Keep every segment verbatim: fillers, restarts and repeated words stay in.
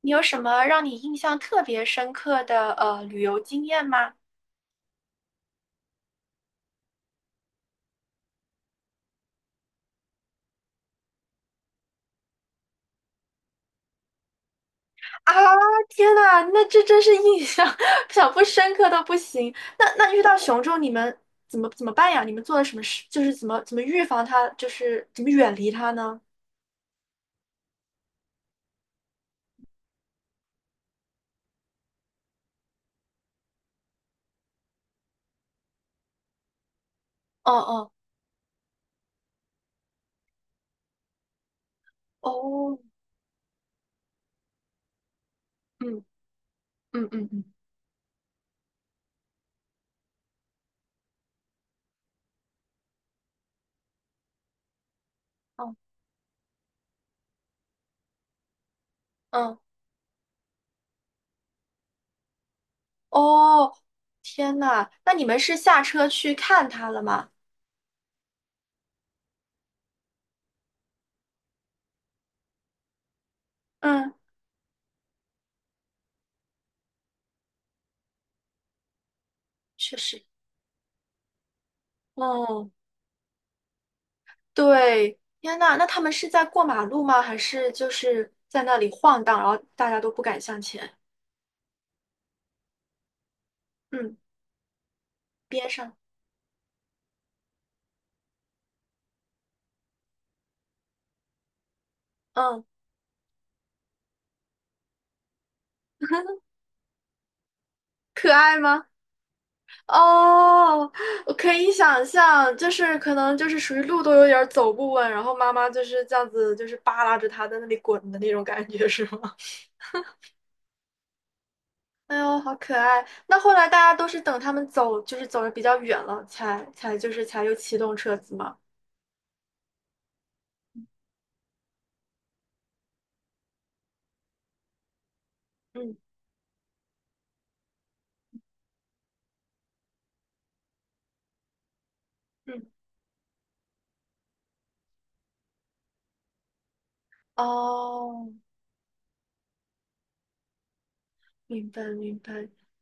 你有什么让你印象特别深刻的呃旅游经验吗？啊，天呐，那这真是印象 想不深刻都不行。那那遇到熊之后，你们怎么怎么办呀？你们做了什么事？就是怎么怎么预防它，就是怎么远离它呢？哦哦哦，嗯嗯嗯嗯嗯嗯，哦，天呐，那你们是下车去看它了吗？嗯，确实。哦，对，天呐，那他们是在过马路吗？还是就是在那里晃荡，然后大家都不敢向前？嗯，边上，嗯，可爱吗？哦，我可以想象，就是可能就是属于路都有点儿走不稳，然后妈妈就是这样子，就是扒拉着他在那里滚的那种感觉，是吗？哎呦，好可爱！那后来大家都是等他们走，就是走的比较远了，才才就是才又启动车子嘛。嗯嗯，哦。明白明白，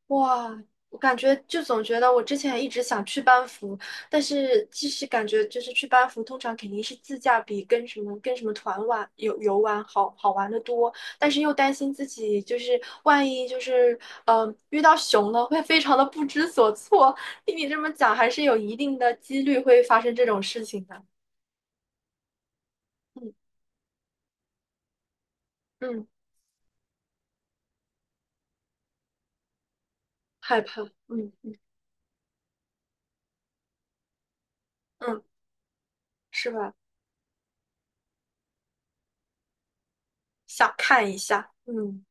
哇，我感觉就总觉得我之前一直想去班服，但是其实感觉就是去班服，通常肯定是自驾比跟什么跟什么团玩游游玩好好玩的多，但是又担心自己就是万一就是嗯、呃遇到熊了，会非常的不知所措。听你这么讲，还是有一定的几率会发生这种事情的。嗯嗯，害怕，嗯嗯，嗯是吧？想看一下，嗯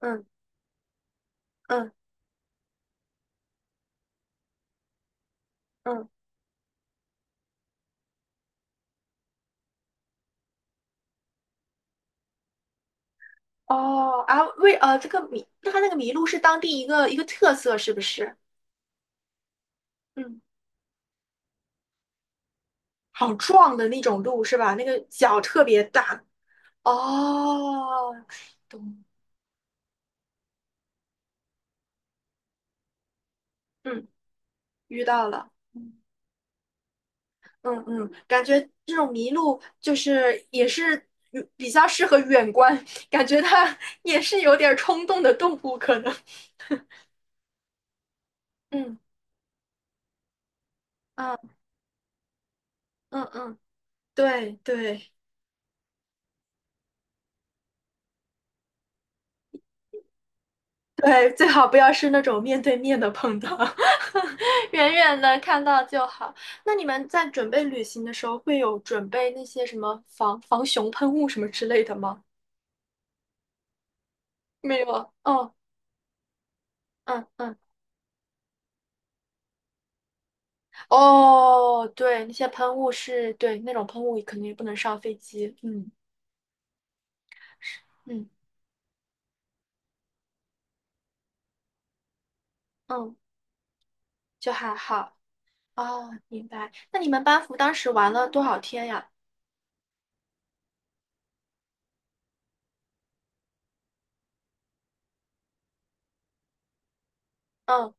嗯嗯嗯。哦啊，为呃，这个麋，那它那个麋鹿是当地一个一个特色，是不是？嗯，好壮的那种鹿是吧？那个脚特别大。哦，懂。嗯，遇到了。嗯嗯嗯，感觉这种麋鹿就是也是嗯比较适合远观，感觉它也是有点儿冲动的动物可能。嗯嗯嗯嗯，对对。对，最好不要是那种面对面的碰到，远远的看到就好。那你们在准备旅行的时候，会有准备那些什么防防熊喷雾什么之类的吗？没有啊。哦，嗯嗯，哦，对，那些喷雾是对那种喷雾，肯定不能上飞机。嗯，是，嗯嗯，就还好。哦，明白。那你们班服当时玩了多少天呀？嗯，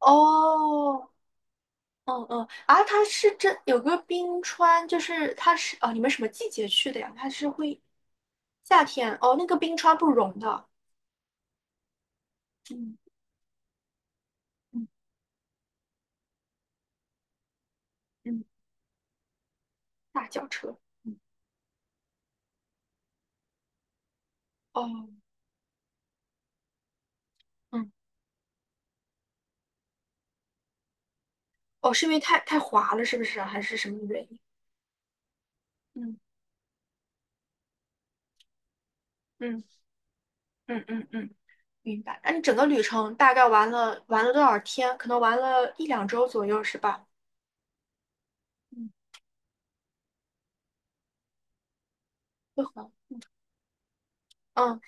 哦，嗯嗯，啊，它是这有个冰川，就是它是哦，你们什么季节去的呀？它是会夏天哦，那个冰川不融的。嗯嗯嗯，大轿车。嗯哦嗯哦，是因为太太滑了，是不是啊？还是什么原因？嗯嗯嗯嗯嗯，明白。那你整个旅程大概玩了玩了多少天？可能玩了一两周左右，是吧？嗯，会滑。嗯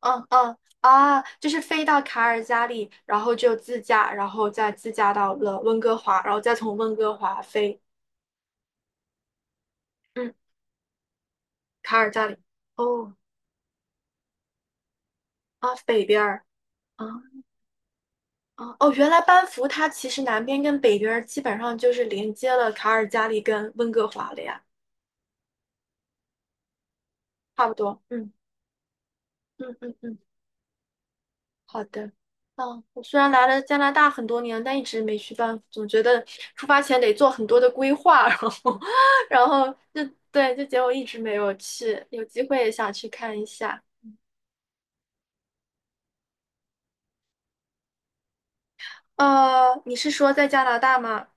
嗯嗯啊，就是飞到卡尔加里，然后就自驾，然后再自驾到了温哥华，然后再从温哥华飞，嗯，卡尔加里。哦啊，北边儿啊啊哦，原来班夫它其实南边跟北边儿基本上就是连接了卡尔加里跟温哥华了呀，差不多。嗯嗯嗯嗯。好的，嗯，我虽然来了加拿大很多年，但一直没去办，总觉得出发前得做很多的规划，然后，然后就对，就结果一直没有去，有机会也想去看一下。呃，你是说在加拿大吗？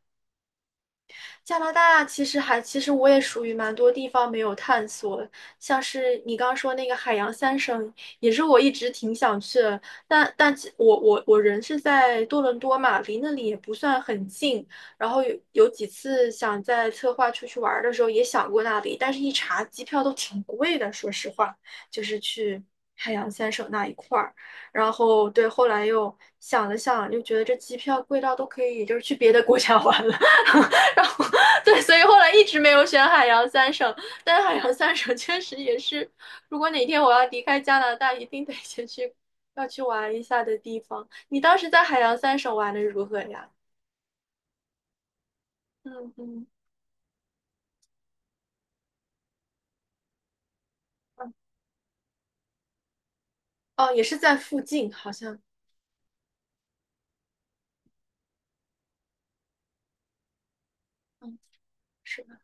加拿大其实还，其实我也属于蛮多地方没有探索，像是你刚刚说那个海洋三省，也是我一直挺想去的。但但其我我我人是在多伦多嘛，离那里也不算很近。然后有有几次想在策划出去玩儿的时候也想过那里，但是一查机票都挺贵的，说实话，就是去海洋三省那一块儿。然后对，后来又想了想，又觉得这机票贵到都可以，就是去别的国家 玩了。然后对，所以后来一直没有选海洋三省。但是海洋三省确实也是，如果哪天我要离开加拿大，一定得先去要去玩一下的地方。你当时在海洋三省玩的如何呀？嗯嗯嗯，哦，也是在附近，好像，嗯，是的。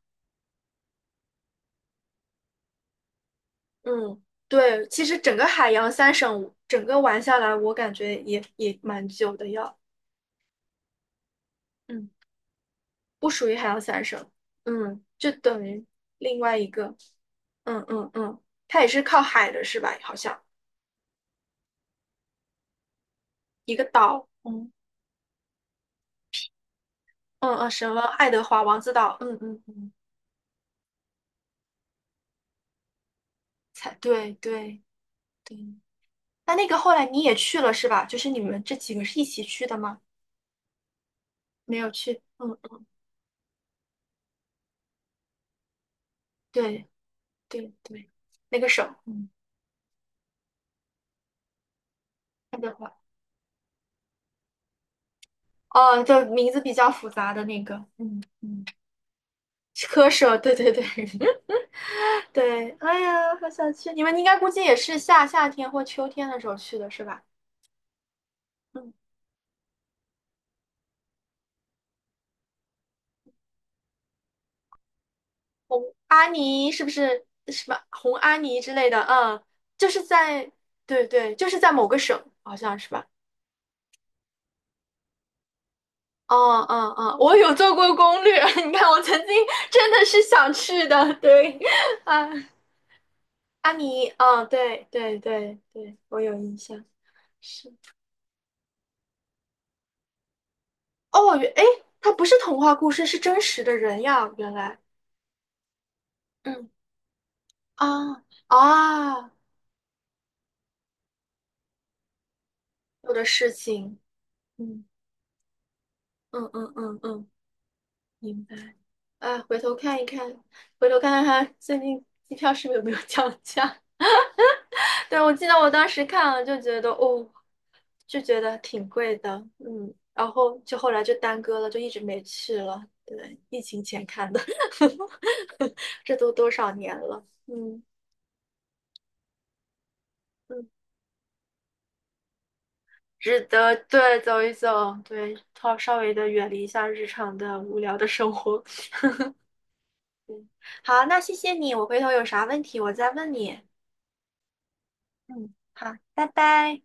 嗯，对，其实整个海洋三省整个玩下来，我感觉也也蛮久的要，嗯。不属于海洋三省，嗯，就等于另外一个，嗯嗯嗯，它也是靠海的是吧？好像一个岛，嗯，嗯嗯，什么爱德华王子岛，嗯嗯嗯，才对对对。那那个后来你也去了是吧？就是你们这几个是一起去的吗？没有去，嗯，嗯对对对，那个省，嗯，爱德华，哦，就名字比较复杂的那个，嗯嗯，科舍，对对对，对，哎呀，好想去！你们应该估计也是夏夏天或秋天的时候去的是吧？嗯，红阿尼是不是什么红阿尼之类的？嗯，就是在，对对，就是在某个省，好像是吧？哦哦哦，我有做过攻略，你看我曾经真的是想去的，对，啊，阿尼，嗯，对对对对，我有印象，是哦，原，诶，它不是童话故事，是真实的人呀，原来，嗯啊啊。做的事情。嗯嗯嗯嗯嗯，明白。啊，回头看一看，回头看看它最近机票是不是有没有降价？对，我记得我当时看了就觉得哦，就觉得挺贵的，嗯，然后就后来就耽搁了，就一直没去了。对，疫情前看的，这都多少年了，嗯嗯，值得，对，走一走，对，稍稍微的远离一下日常的无聊的生活。嗯，好，那谢谢你，我回头有啥问题我再问你。嗯，好，拜拜。